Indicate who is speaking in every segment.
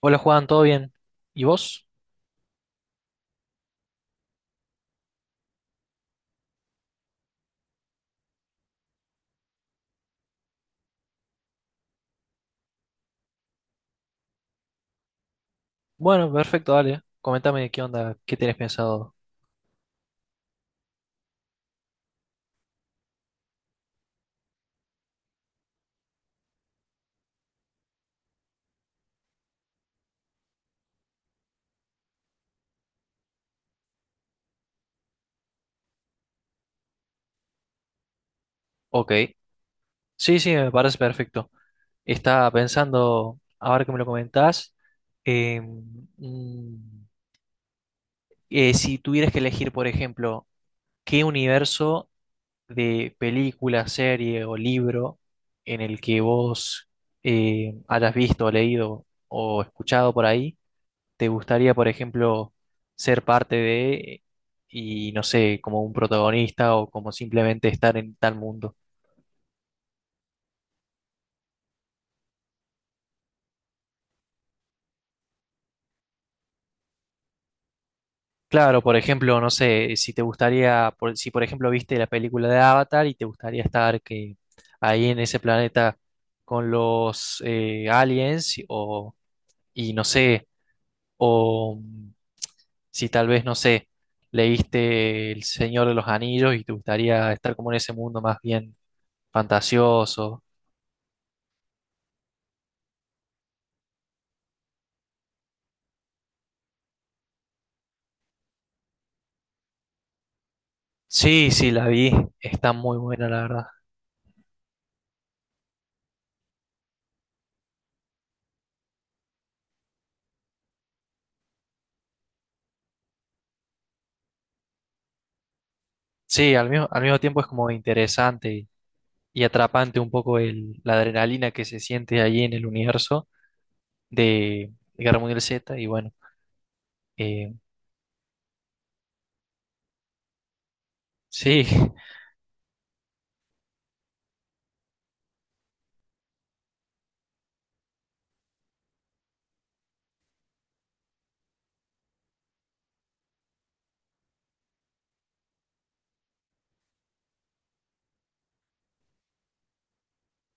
Speaker 1: Hola Juan, ¿todo bien? ¿Y vos? Bueno, perfecto, dale. Coméntame qué onda, qué tenés pensado. Ok. Sí, sí, me parece perfecto. Estaba pensando, ahora que me lo comentás. eh, mm, ¿Si tuvieras que elegir, por ejemplo, qué universo de película, serie o libro en el que vos hayas visto, leído o escuchado por ahí, te gustaría, por ejemplo, ser parte de, y no sé, como un protagonista o como simplemente estar en tal mundo? Claro, por ejemplo, no sé, si te gustaría, si por ejemplo viste la película de Avatar y te gustaría estar que ahí en ese planeta con los aliens, o, y no sé, o si tal vez no sé, leíste El Señor de los Anillos y te gustaría estar como en ese mundo más bien fantasioso. Sí, sí, la vi. Está muy buena, la verdad. Sí, al mismo tiempo es como interesante y atrapante un poco, la adrenalina que se siente allí en el universo de Guerra Mundial Z. Y bueno, eh, sí.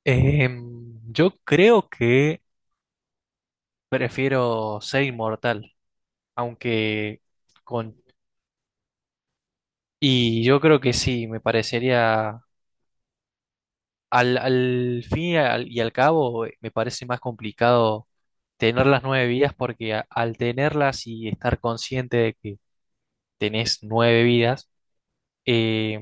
Speaker 1: Yo creo que prefiero ser inmortal, aunque con. Y yo creo que sí, me parecería al fin y al cabo, Me parece más complicado tener las nueve vidas porque al tenerlas y estar consciente de que tenés nueve vidas, eh,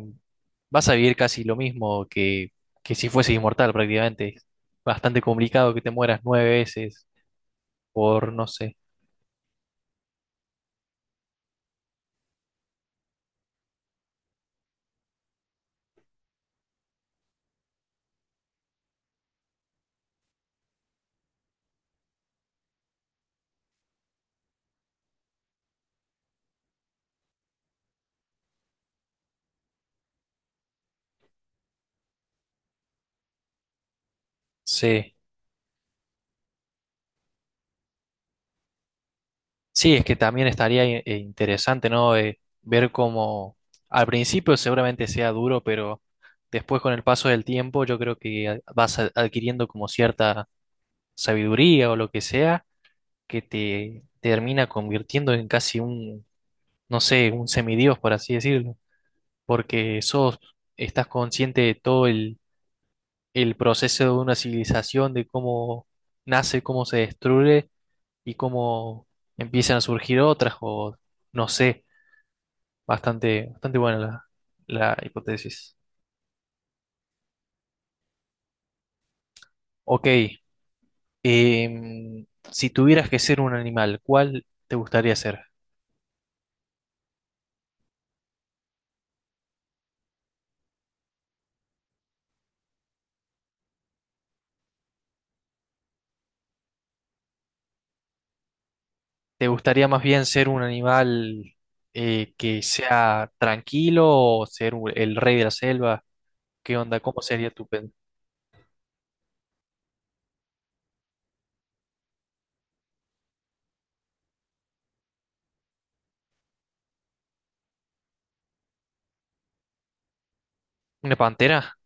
Speaker 1: vas a vivir casi lo mismo que si fueses inmortal prácticamente. Es bastante complicado que te mueras nueve veces, por, no sé. Sí. Sí, es que también estaría interesante, ¿no? Ver cómo al principio seguramente sea duro, pero después con el paso del tiempo yo creo que vas adquiriendo como cierta sabiduría o lo que sea que te termina convirtiendo en casi un, no sé, un semidios, por así decirlo, porque sos, estás consciente de todo el proceso de una civilización, de cómo nace, cómo se destruye y cómo empiezan a surgir otras, o no sé. Bastante, bastante buena la hipótesis. Ok, si tuvieras que ser un animal, ¿cuál te gustaría ser? ¿Te gustaría más bien ser un animal que sea tranquilo o ser el rey de la selva? ¿Qué onda? ¿Cómo sería tu ¿Una pantera?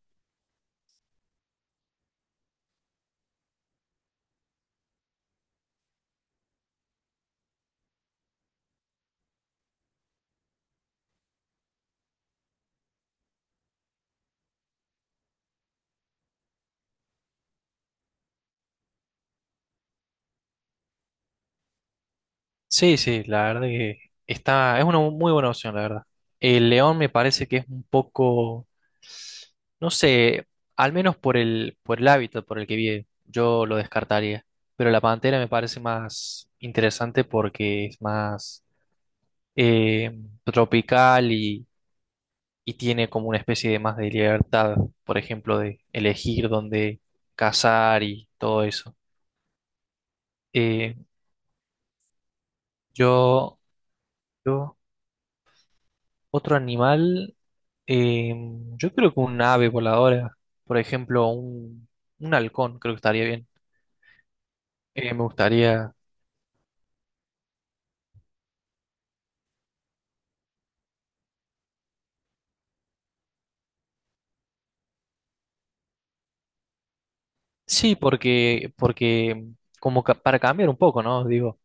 Speaker 1: Sí, sí, la verdad que es una muy buena opción, la verdad. El león me parece que es un poco, no sé, al menos por el hábitat por el que vive, yo lo descartaría. Pero la pantera me parece más interesante porque es más eh, tropical y tiene como una especie de más de libertad, por ejemplo, de elegir dónde cazar y todo eso. Eh, yo, yo, Otro animal, eh, yo creo que un ave voladora, por ejemplo, un halcón, creo que estaría bien. Me gustaría. Sí, porque como para cambiar un poco, ¿no? Digo,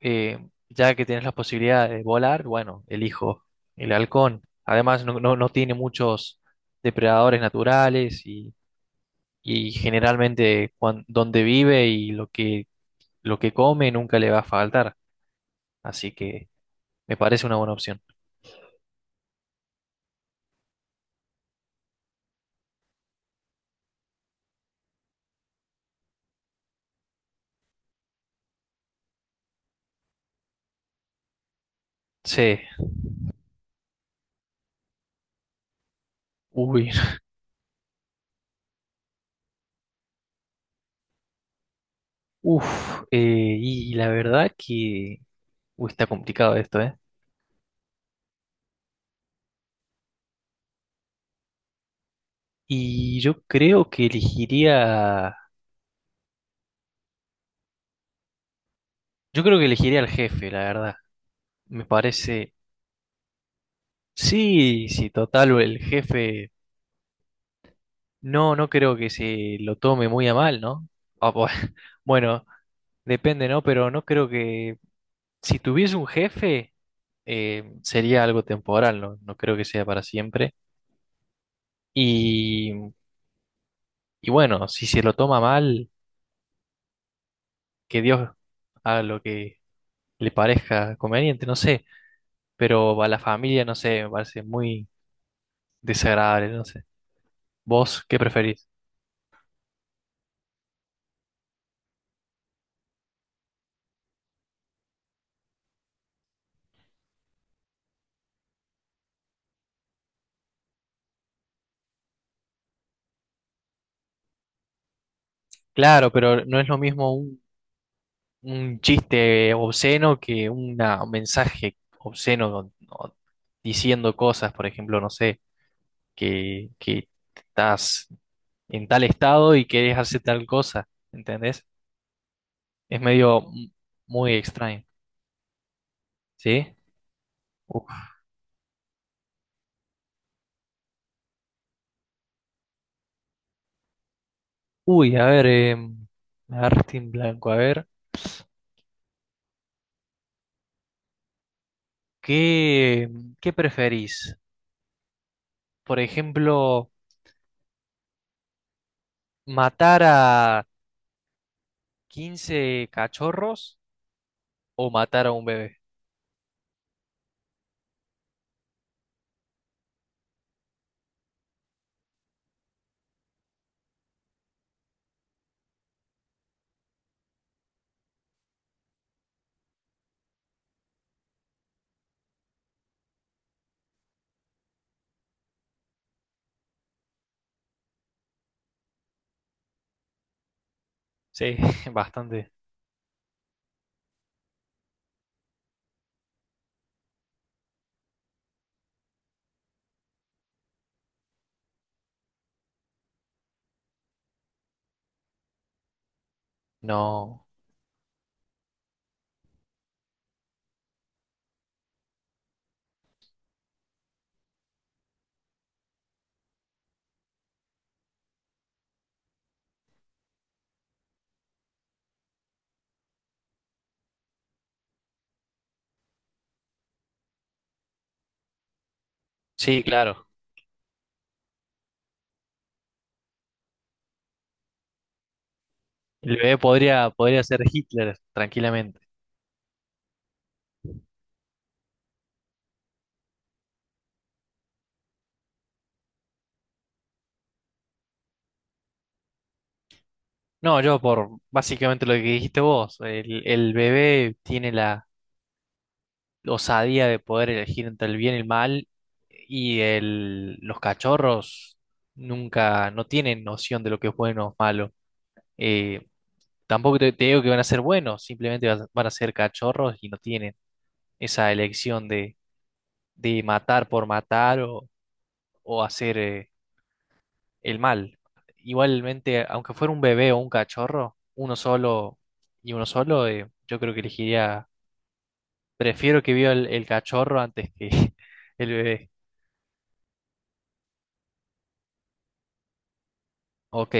Speaker 1: eh, ya que tienes la posibilidad de volar, bueno, elijo el halcón. Además, no tiene muchos depredadores naturales y generalmente donde vive y lo que come nunca le va a faltar. Así que me parece una buena opción. Sí, uy, uff, y la verdad que uy, está complicado esto, ¿eh? Y yo creo que elegiría. Yo creo que elegiría al jefe, la verdad. Me parece, sí, sí, total, el jefe, no creo que se lo tome muy a mal, ¿no? Ah, bueno, depende, ¿no? Pero no creo que, si tuviese un jefe, sería algo temporal, ¿no? No creo que sea para siempre. Y, y bueno, si se lo toma mal, que Dios haga lo que le parezca conveniente, no sé, pero a la familia, no sé, me parece muy desagradable, no sé. ¿Vos qué preferís? Claro, pero no es lo mismo un chiste obsceno que un mensaje obsceno o diciendo cosas, por ejemplo, no sé, que estás en tal estado y querés hacer tal cosa, ¿entendés? Es medio muy extraño, ¿sí? Uf. Uy, a ver, em, me agarraste en blanco, a ver, ¿qué, qué preferís? Por ejemplo, ¿matar a 15 cachorros o matar a un bebé? Sí, bastante. No. Sí, claro. El bebé podría ser Hitler tranquilamente. No, yo por básicamente lo que dijiste vos, el bebé tiene la osadía de poder elegir entre el bien y el mal y los cachorros nunca, no tienen noción de lo que es bueno o malo. Eh, tampoco te digo que van a ser buenos, simplemente van a ser cachorros y no tienen esa elección de matar por matar, o hacer el mal. Igualmente, aunque fuera un bebé o un cachorro, uno solo y uno solo, yo creo que elegiría, prefiero que viva el cachorro antes que el bebé. Ok.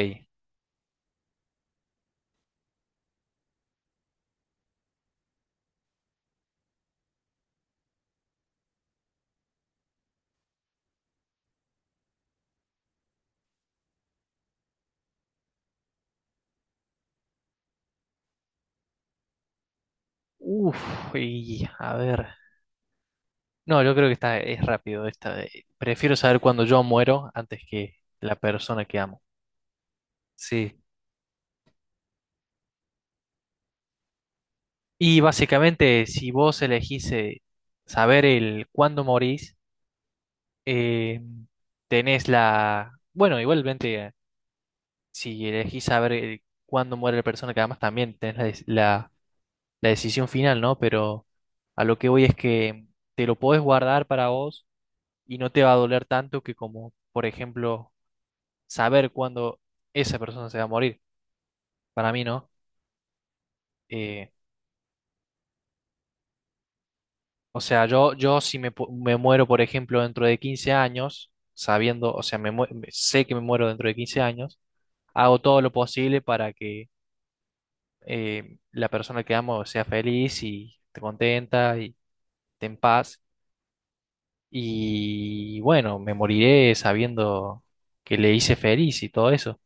Speaker 1: Uf, y a ver. No, yo creo que es rápido esta. Prefiero saber cuándo yo muero antes que la persona que amo. Sí. Y básicamente, si vos elegís saber el cuándo morís, eh, tenés la. Bueno, igualmente si elegís saber cuándo muere la persona, que además también tenés la decisión final, ¿no? Pero a lo que voy es que te lo podés guardar para vos y no te va a doler tanto que como, por ejemplo, saber cuándo esa persona se va a morir. Para mí, ¿no? Eh, o sea, yo si me muero, por ejemplo, dentro de 15 años, sabiendo, o sea, sé que me muero dentro de 15 años, hago todo lo posible para que la persona que amo sea feliz y esté contenta en paz. Y bueno, me moriré sabiendo que le hice feliz y todo eso.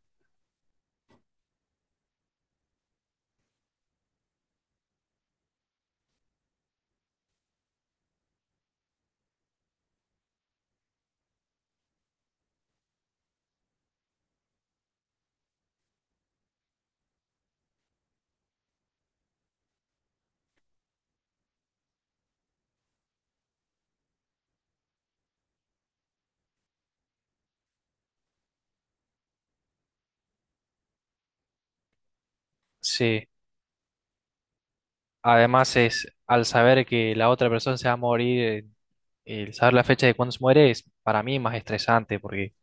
Speaker 1: Sí, además es al saber que la otra persona se va a morir, el saber la fecha de cuándo se muere es para mí más estresante porque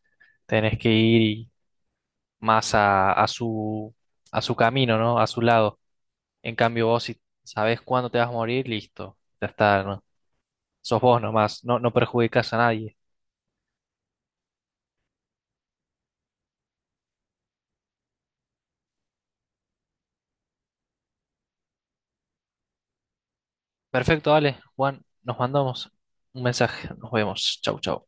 Speaker 1: tenés que más a su camino, ¿no? A su lado. En cambio, vos si sabés cuándo te vas a morir, listo, ya está, ¿no? Sos vos nomás, no perjudicás a nadie. Perfecto, dale, Juan, nos mandamos un mensaje, nos vemos, chau, chau.